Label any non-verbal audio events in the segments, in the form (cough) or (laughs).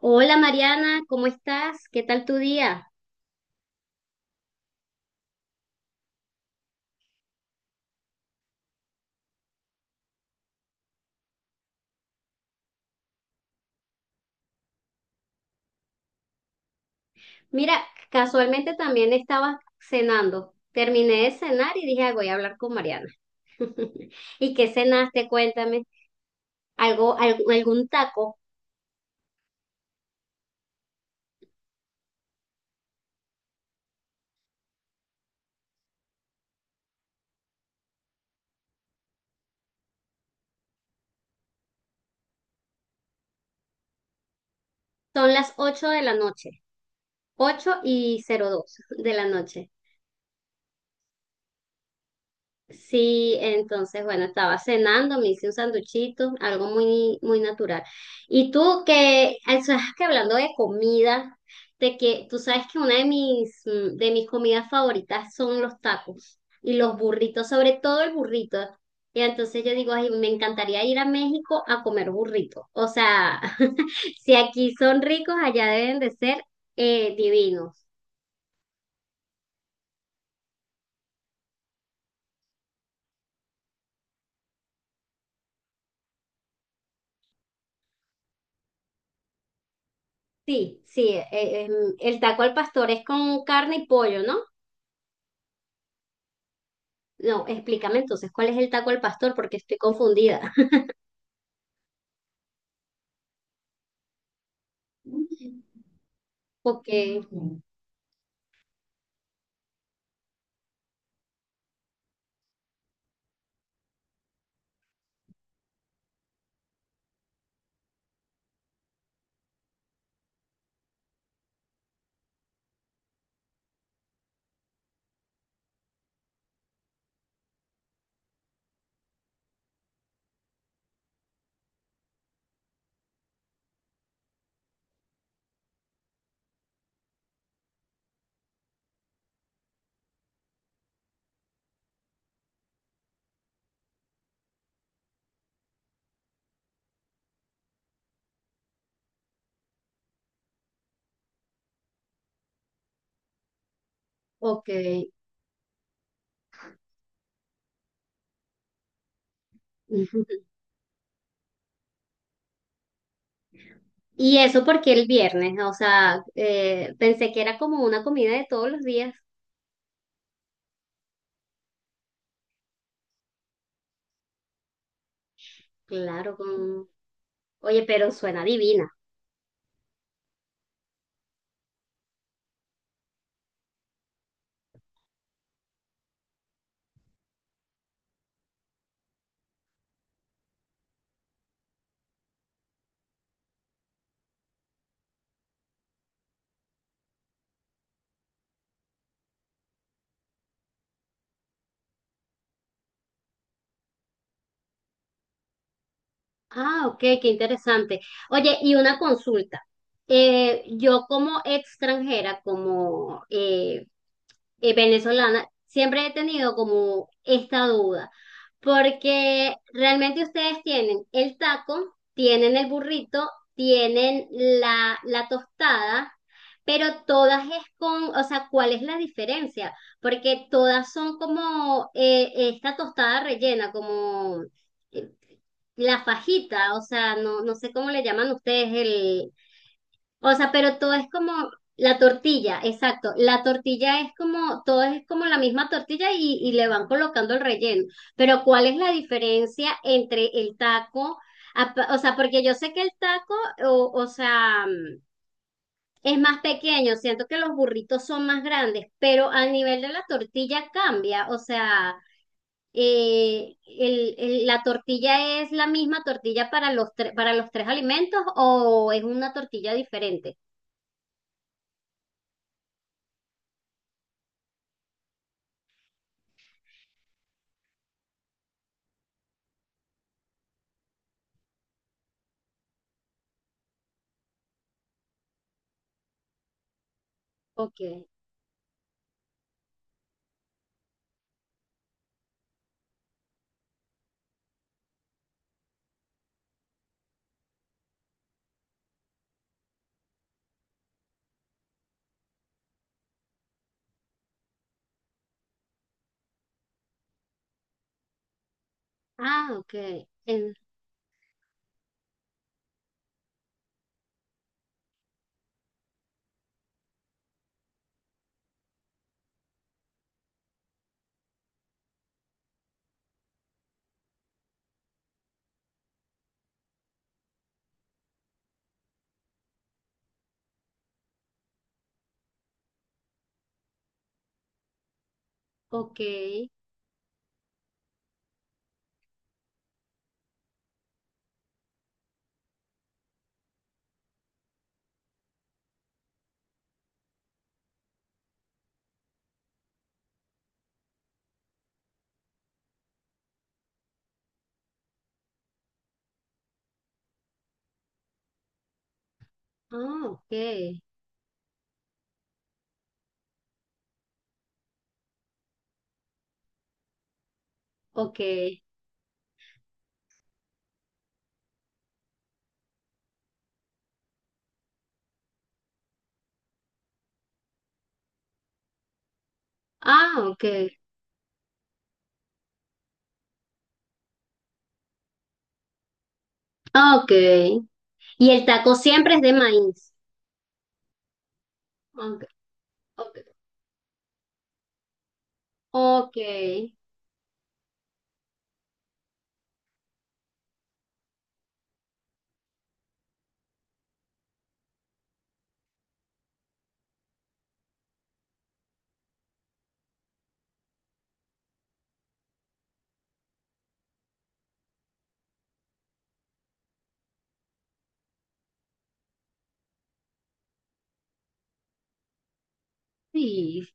Hola, Mariana, ¿cómo estás? ¿Qué tal tu día? Mira, casualmente también estaba cenando. Terminé de cenar y dije, "Ah, voy a hablar con Mariana." (laughs) ¿Y qué cenaste? Cuéntame. Algo, algún taco. Son las 8 de la noche. 8:02 de la noche. Sí, entonces, bueno, estaba cenando, me hice un sanduchito, algo muy, muy natural. Y tú que, o sea, que hablando de comida, de que tú sabes que una de mis, de mis comidas favoritas son los tacos y los burritos, sobre todo el burrito. Y entonces yo digo, ay, me encantaría ir a México a comer burrito. O sea, (laughs) si aquí son ricos, allá deben de ser divinos. Sí, sí, el taco al pastor es con carne y pollo, ¿no? No, explícame entonces, ¿cuál es el taco al pastor? Porque estoy confundida. (laughs) Ok, ok. (laughs) ¿Y eso porque el viernes? O sea, pensé que era como una comida de todos los días. Claro, con… Oye, pero suena divina. Ah, ok, qué interesante. Oye, y una consulta. Yo como extranjera, como venezolana, siempre he tenido como esta duda, porque realmente ustedes tienen el taco, tienen el burrito, tienen la tostada, pero todas es con, o sea, ¿cuál es la diferencia? Porque todas son como esta tostada rellena, como eh, la fajita, o sea, no, no sé cómo le llaman ustedes el, o sea, pero todo es como la tortilla, exacto. La tortilla es como, todo es como la misma tortilla y le van colocando el relleno. Pero ¿cuál es la diferencia entre el taco? O sea, porque yo sé que el taco, o sea, es más pequeño, siento que los burritos son más grandes, pero al nivel de la tortilla cambia. O sea, la tortilla es la misma tortilla para los, para los tres alimentos, o es una tortilla diferente. Ok. Ah, ok. En, ok. Ah, ok. Ok. Ah, ok. Ah, ok. Y el taco siempre es de maíz. Ok. Ok. Ok. Sí.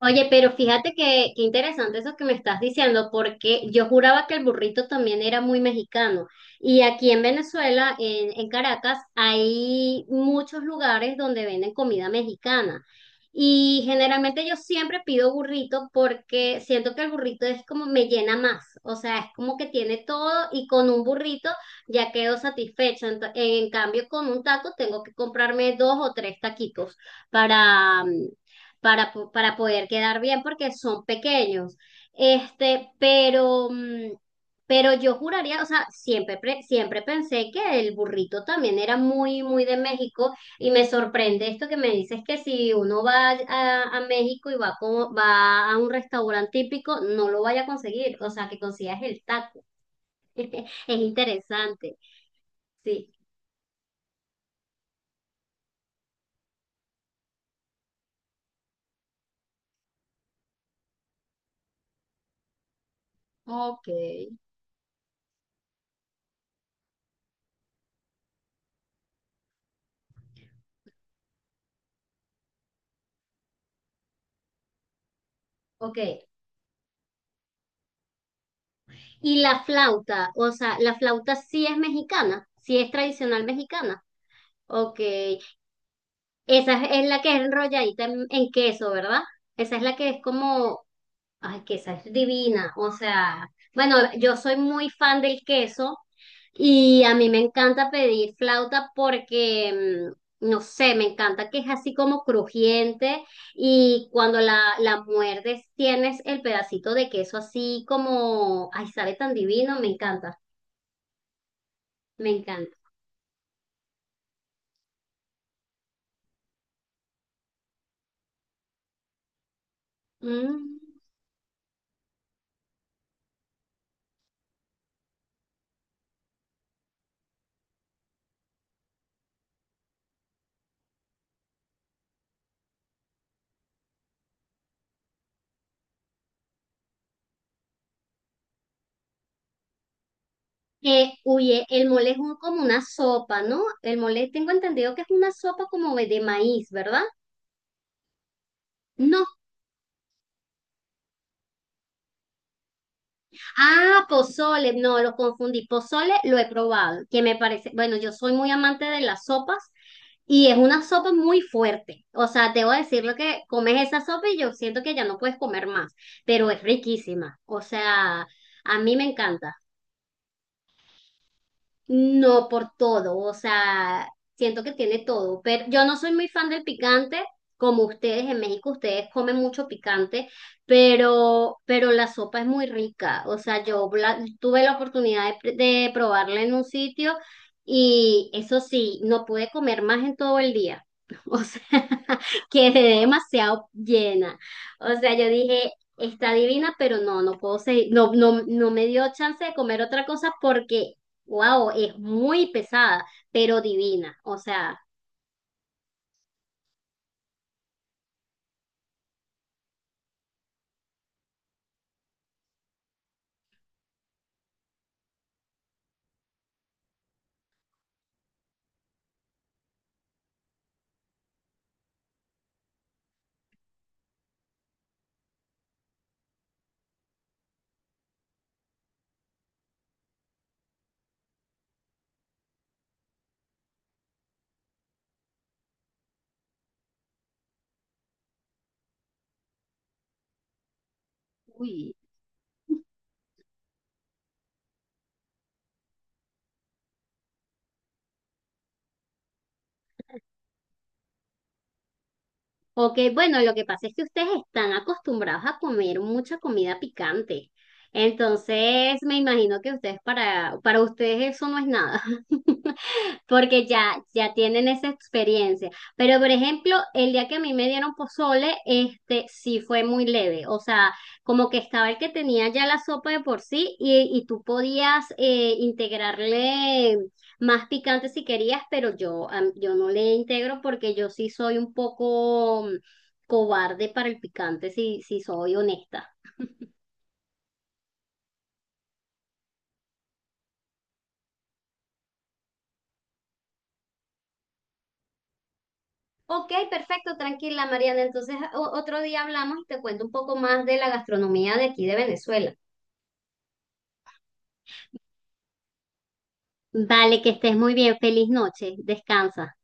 Oye, pero fíjate que, qué interesante eso que me estás diciendo, porque yo juraba que el burrito también era muy mexicano. Y aquí en Venezuela, en Caracas, hay muchos lugares donde venden comida mexicana. Y generalmente yo siempre pido burrito porque siento que el burrito es como me llena más. O sea, es como que tiene todo y con un burrito ya quedo satisfecha. En cambio, con un taco tengo que comprarme 2 o 3 taquitos para, para, para poder quedar bien porque son pequeños. Este, pero, pero yo juraría, o sea, siempre, siempre pensé que el burrito también era muy, muy de México, y me sorprende esto que me dices, que si uno va a México y va, como, va a un restaurante típico, no lo vaya a conseguir, o sea, que consigas el taco. (laughs) Es interesante, sí. Ok. Ok. Y la flauta, o sea, la flauta sí es mexicana, sí es tradicional mexicana. Ok, esa es la que es enrolladita en queso, ¿verdad? Esa es la que es como, ay, que esa es divina, o sea, bueno, yo soy muy fan del queso y a mí me encanta pedir flauta porque, no sé, me encanta que es así como crujiente y cuando la muerdes tienes el pedacito de queso así como, ay, sabe tan divino, me encanta. Me encanta. Mm. Oye, el mole es como una sopa, ¿no? El mole tengo entendido que es una sopa como de maíz, ¿verdad? No. Ah, pozole, no, lo confundí. Pozole lo he probado, que me parece, bueno, yo soy muy amante de las sopas y es una sopa muy fuerte. O sea, debo decirlo que comes esa sopa y yo siento que ya no puedes comer más, pero es riquísima. O sea, a mí me encanta. No, por todo, o sea, siento que tiene todo, pero yo no soy muy fan del picante, como ustedes en México, ustedes comen mucho picante, pero la sopa es muy rica, o sea, tuve la oportunidad de probarla en un sitio, y eso sí, no pude comer más en todo el día, (laughs) o sea, quedé demasiado llena, o sea, yo dije… Está divina, pero no, no puedo seguir, no, no, no me dio chance de comer otra cosa porque… Wow, es muy pesada, pero divina. O sea, uy. Ok, bueno, lo que pasa es que ustedes están acostumbrados a comer mucha comida picante. Entonces, me imagino que ustedes para ustedes eso no es nada, (laughs) porque ya, ya tienen esa experiencia. Pero, por ejemplo, el día que a mí me dieron pozole, este sí fue muy leve. O sea, como que estaba el que tenía ya la sopa de por sí y tú podías integrarle más picante si querías, pero yo, yo no le integro porque yo sí soy un poco cobarde para el picante, si, si soy honesta. Ok, perfecto, tranquila, Mariana. Entonces otro día hablamos y te cuento un poco más de la gastronomía de aquí de Venezuela. Vale, que estés muy bien. Feliz noche. Descansa.